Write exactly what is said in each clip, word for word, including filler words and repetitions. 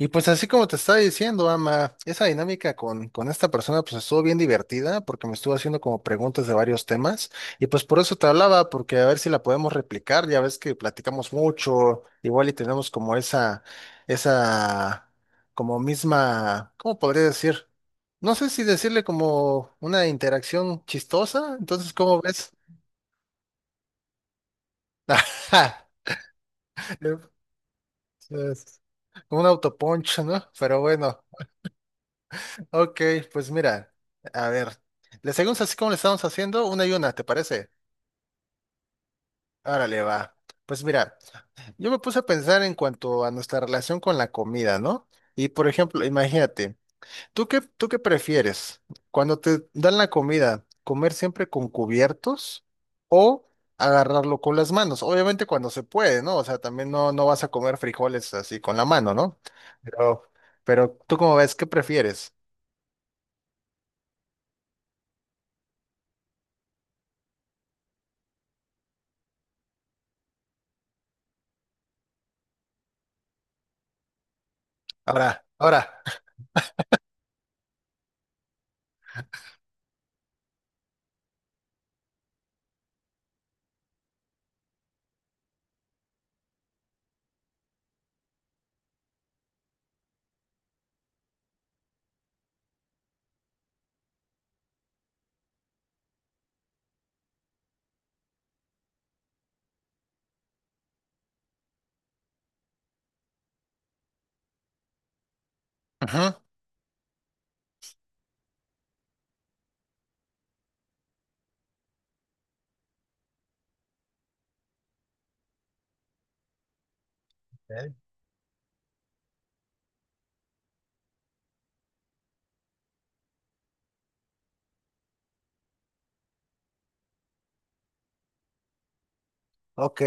Y pues así como te estaba diciendo, Ama, esa dinámica con, con esta persona pues estuvo bien divertida porque me estuvo haciendo como preguntas de varios temas y pues por eso te hablaba, porque a ver si la podemos replicar, ya ves que platicamos mucho, igual y tenemos como esa, esa, como misma, ¿cómo podría decir? No sé si decirle como una interacción chistosa, entonces ¿cómo ves? Ajá, es- como un autoponcho, ¿no? Pero bueno. Ok, pues mira, a ver, le seguimos así como le estamos haciendo, una y una, ¿te parece? Órale, va. Pues mira, yo me puse a pensar en cuanto a nuestra relación con la comida, ¿no? Y por ejemplo, imagínate, ¿tú qué, tú qué prefieres? Cuando te dan la comida, ¿comer siempre con cubiertos o agarrarlo con las manos? Obviamente cuando se puede, ¿no? O sea, también no, no vas a comer frijoles así con la mano, ¿no? Pero, pero ¿tú cómo ves? ¿Qué prefieres? Ahora, ahora. Ok. Ok,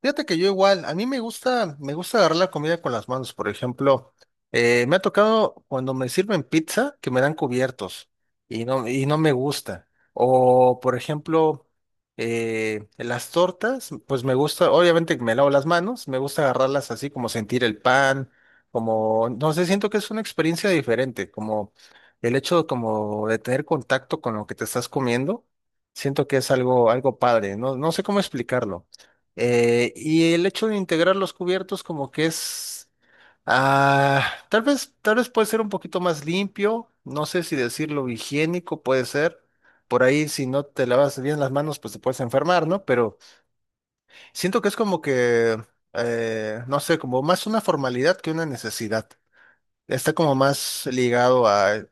fíjate que yo igual, a mí me gusta, me gusta, agarrar la comida con las manos, por ejemplo, eh, me ha tocado cuando me sirven pizza que me dan cubiertos y no, y no me gusta. O, por ejemplo, eh, las tortas, pues me gusta, obviamente que me lavo las manos, me gusta agarrarlas así como sentir el pan, como, no sé, siento que es una experiencia diferente, como el hecho como de tener contacto con lo que te estás comiendo, siento que es algo, algo padre, no, no sé cómo explicarlo. Eh, y el hecho de integrar los cubiertos como que es, ah, tal vez, tal vez puede ser un poquito más limpio, no sé si decirlo higiénico puede ser. Por ahí si no te lavas bien las manos pues te puedes enfermar, ¿no? Pero siento que es como que, eh, no sé, como más una formalidad que una necesidad. Está como más ligado a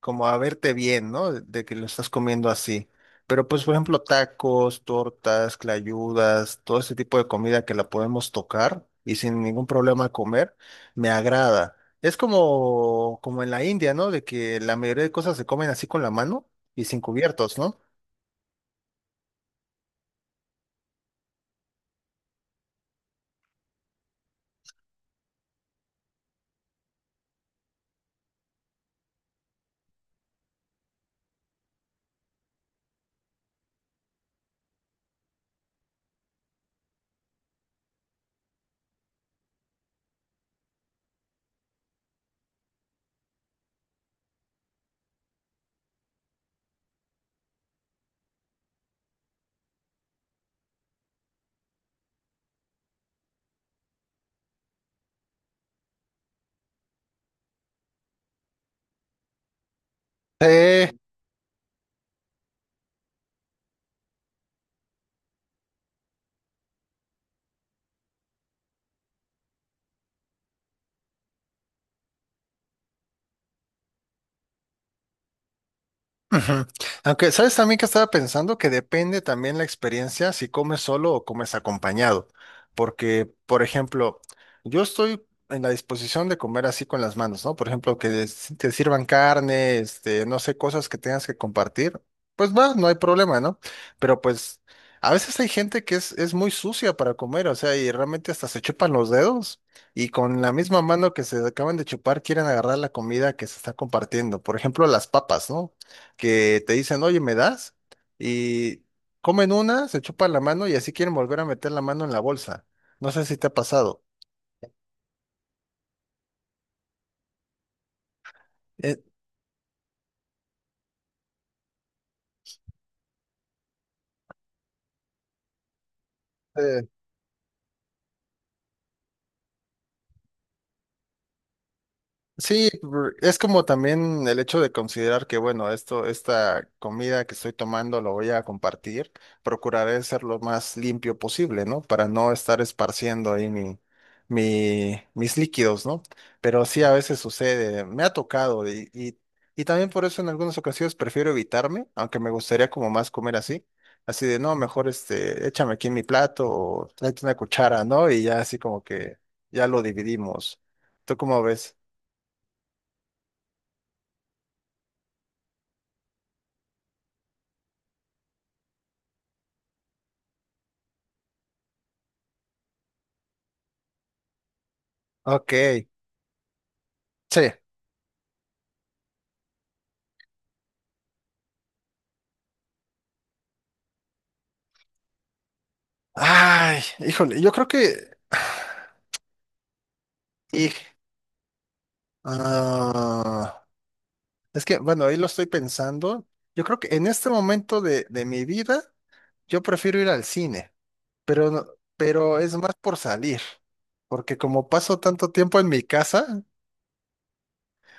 como a verte bien, ¿no? De de que lo estás comiendo así. Pero pues, por ejemplo, tacos, tortas, clayudas, todo ese tipo de comida que la podemos tocar y sin ningún problema comer, me agrada. Es como, como, en la India, ¿no? De que la mayoría de cosas se comen así con la mano y sin cubiertos, ¿no? Sí. Ujú. Aunque, ¿sabes también que estaba pensando? Que depende también la experiencia si comes solo o comes acompañado. Porque, por ejemplo, yo estoy en la disposición de comer así con las manos, ¿no? Por ejemplo, que des- te sirvan carne, este, no sé, cosas que tengas que compartir. Pues va, no hay problema, ¿no? Pero pues a veces hay gente que es, es muy sucia para comer, o sea, y realmente hasta se chupan los dedos y con la misma mano que se acaban de chupar quieren agarrar la comida que se está compartiendo. Por ejemplo, las papas, ¿no? Que te dicen, oye, ¿me das? Y comen una, se chupan la mano y así quieren volver a meter la mano en la bolsa. No sé si te ha pasado. Eh, eh, Sí, por- es como también el hecho de considerar que, bueno, esto, esta comida que estoy tomando lo voy a compartir. Procuraré ser lo más limpio posible, ¿no? Para no estar esparciendo ahí mi, mi, mis líquidos, ¿no? Pero sí, a veces sucede, me ha tocado y, y, y también por eso en algunas ocasiones prefiero evitarme, aunque me gustaría como más comer así. Así de, no, mejor este, échame aquí en mi plato o tráete una cuchara, ¿no? Y ya así como que ya lo dividimos. ¿Tú cómo ves? Ok, sí. Ay, híjole, yo creo que... y- ah, es que, bueno, ahí lo estoy pensando. Yo creo que en este momento de, de mi vida, yo prefiero ir al cine, pero, no- pero es más por salir, porque como paso tanto tiempo en mi casa,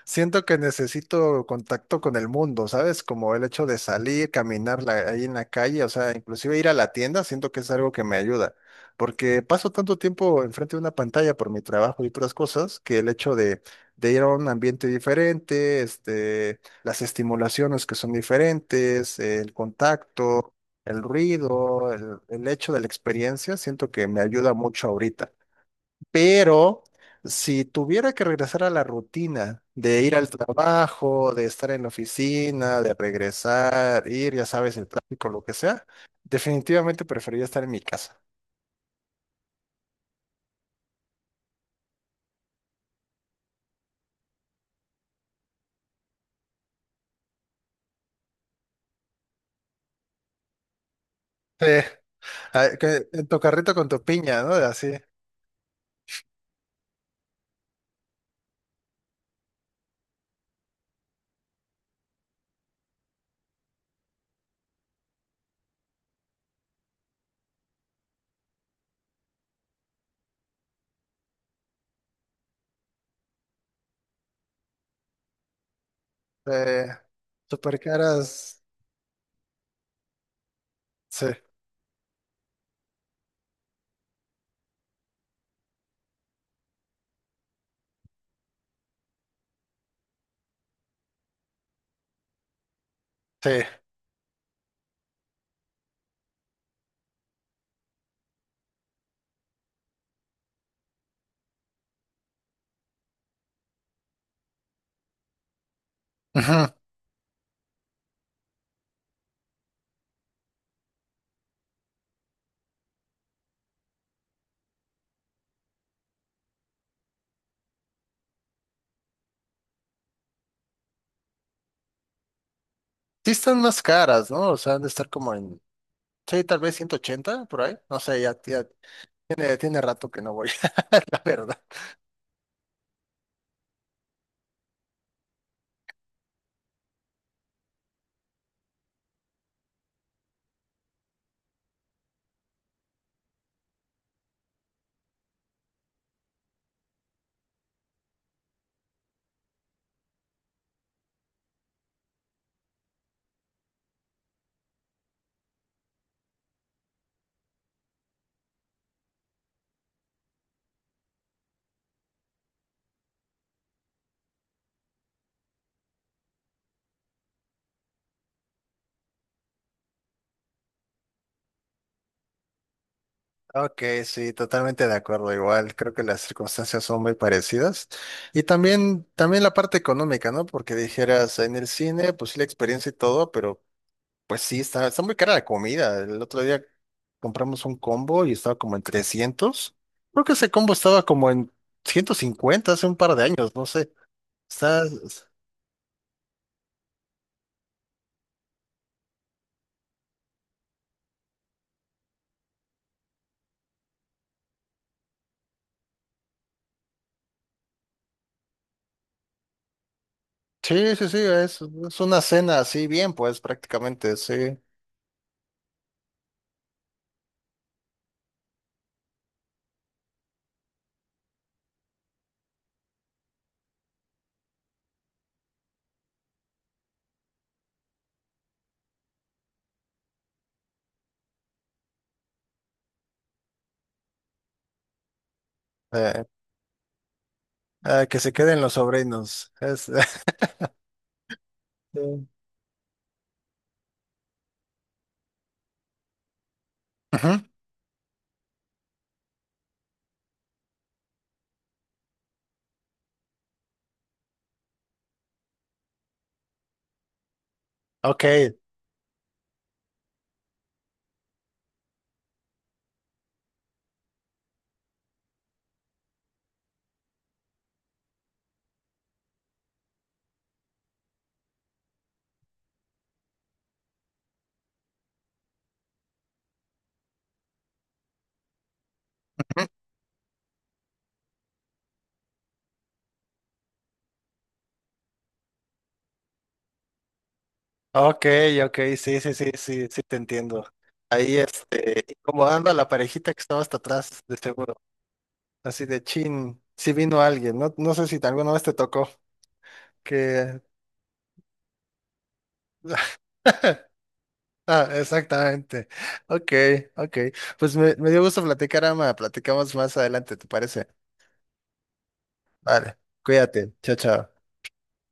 siento que necesito contacto con el mundo, ¿sabes? Como el hecho de salir, caminar la- ahí en la calle, o sea, inclusive ir a la tienda, siento que es algo que me ayuda, porque paso tanto tiempo enfrente de una pantalla por mi trabajo y otras cosas, que el hecho de, de ir a un ambiente diferente, este, las estimulaciones que son diferentes, el contacto, el ruido, el, el hecho de la experiencia, siento que me ayuda mucho ahorita. Pero si tuviera que regresar a la rutina de ir al trabajo, de estar en la oficina, de regresar, ir, ya sabes, el tráfico, lo que sea, definitivamente preferiría estar en mi casa. Sí, ah, que- en tu carrito con tu piña, ¿no? Así, eh, super caras. Sí, sí. Ujú. Sí están más caras, ¿no? O sea, han de estar como en, sí, tal vez ciento ochenta por ahí. No sé, ya, ya tiene, tiene rato que no voy, la verdad. Ok, sí, totalmente de acuerdo. Igual creo que las circunstancias son muy parecidas. Y también, también, la parte económica, ¿no? Porque dijeras en el cine, pues sí, la experiencia y todo, pero pues sí, está, está muy cara la comida. El otro día compramos un combo y estaba como en trescientos. Creo que ese combo estaba como en ciento cincuenta hace un par de años, no sé. Está, sí, sí, sí, es, es una cena así bien, pues prácticamente, sí. Eh, ah, que se queden los sobrinos. Es, sí. Ujú. Ok, ok, ok, sí, sí, sí, sí, sí, te entiendo. Ahí, este, incomodando a la parejita que estaba hasta atrás, de seguro. Así de chin, si vino alguien, no, no sé si te- alguna vez te tocó, que... Ah, exactamente. Ok, ok. Pues me, me dio gusto platicar, Ama. Platicamos más adelante, ¿te parece? Vale, cuídate. Chao, chao.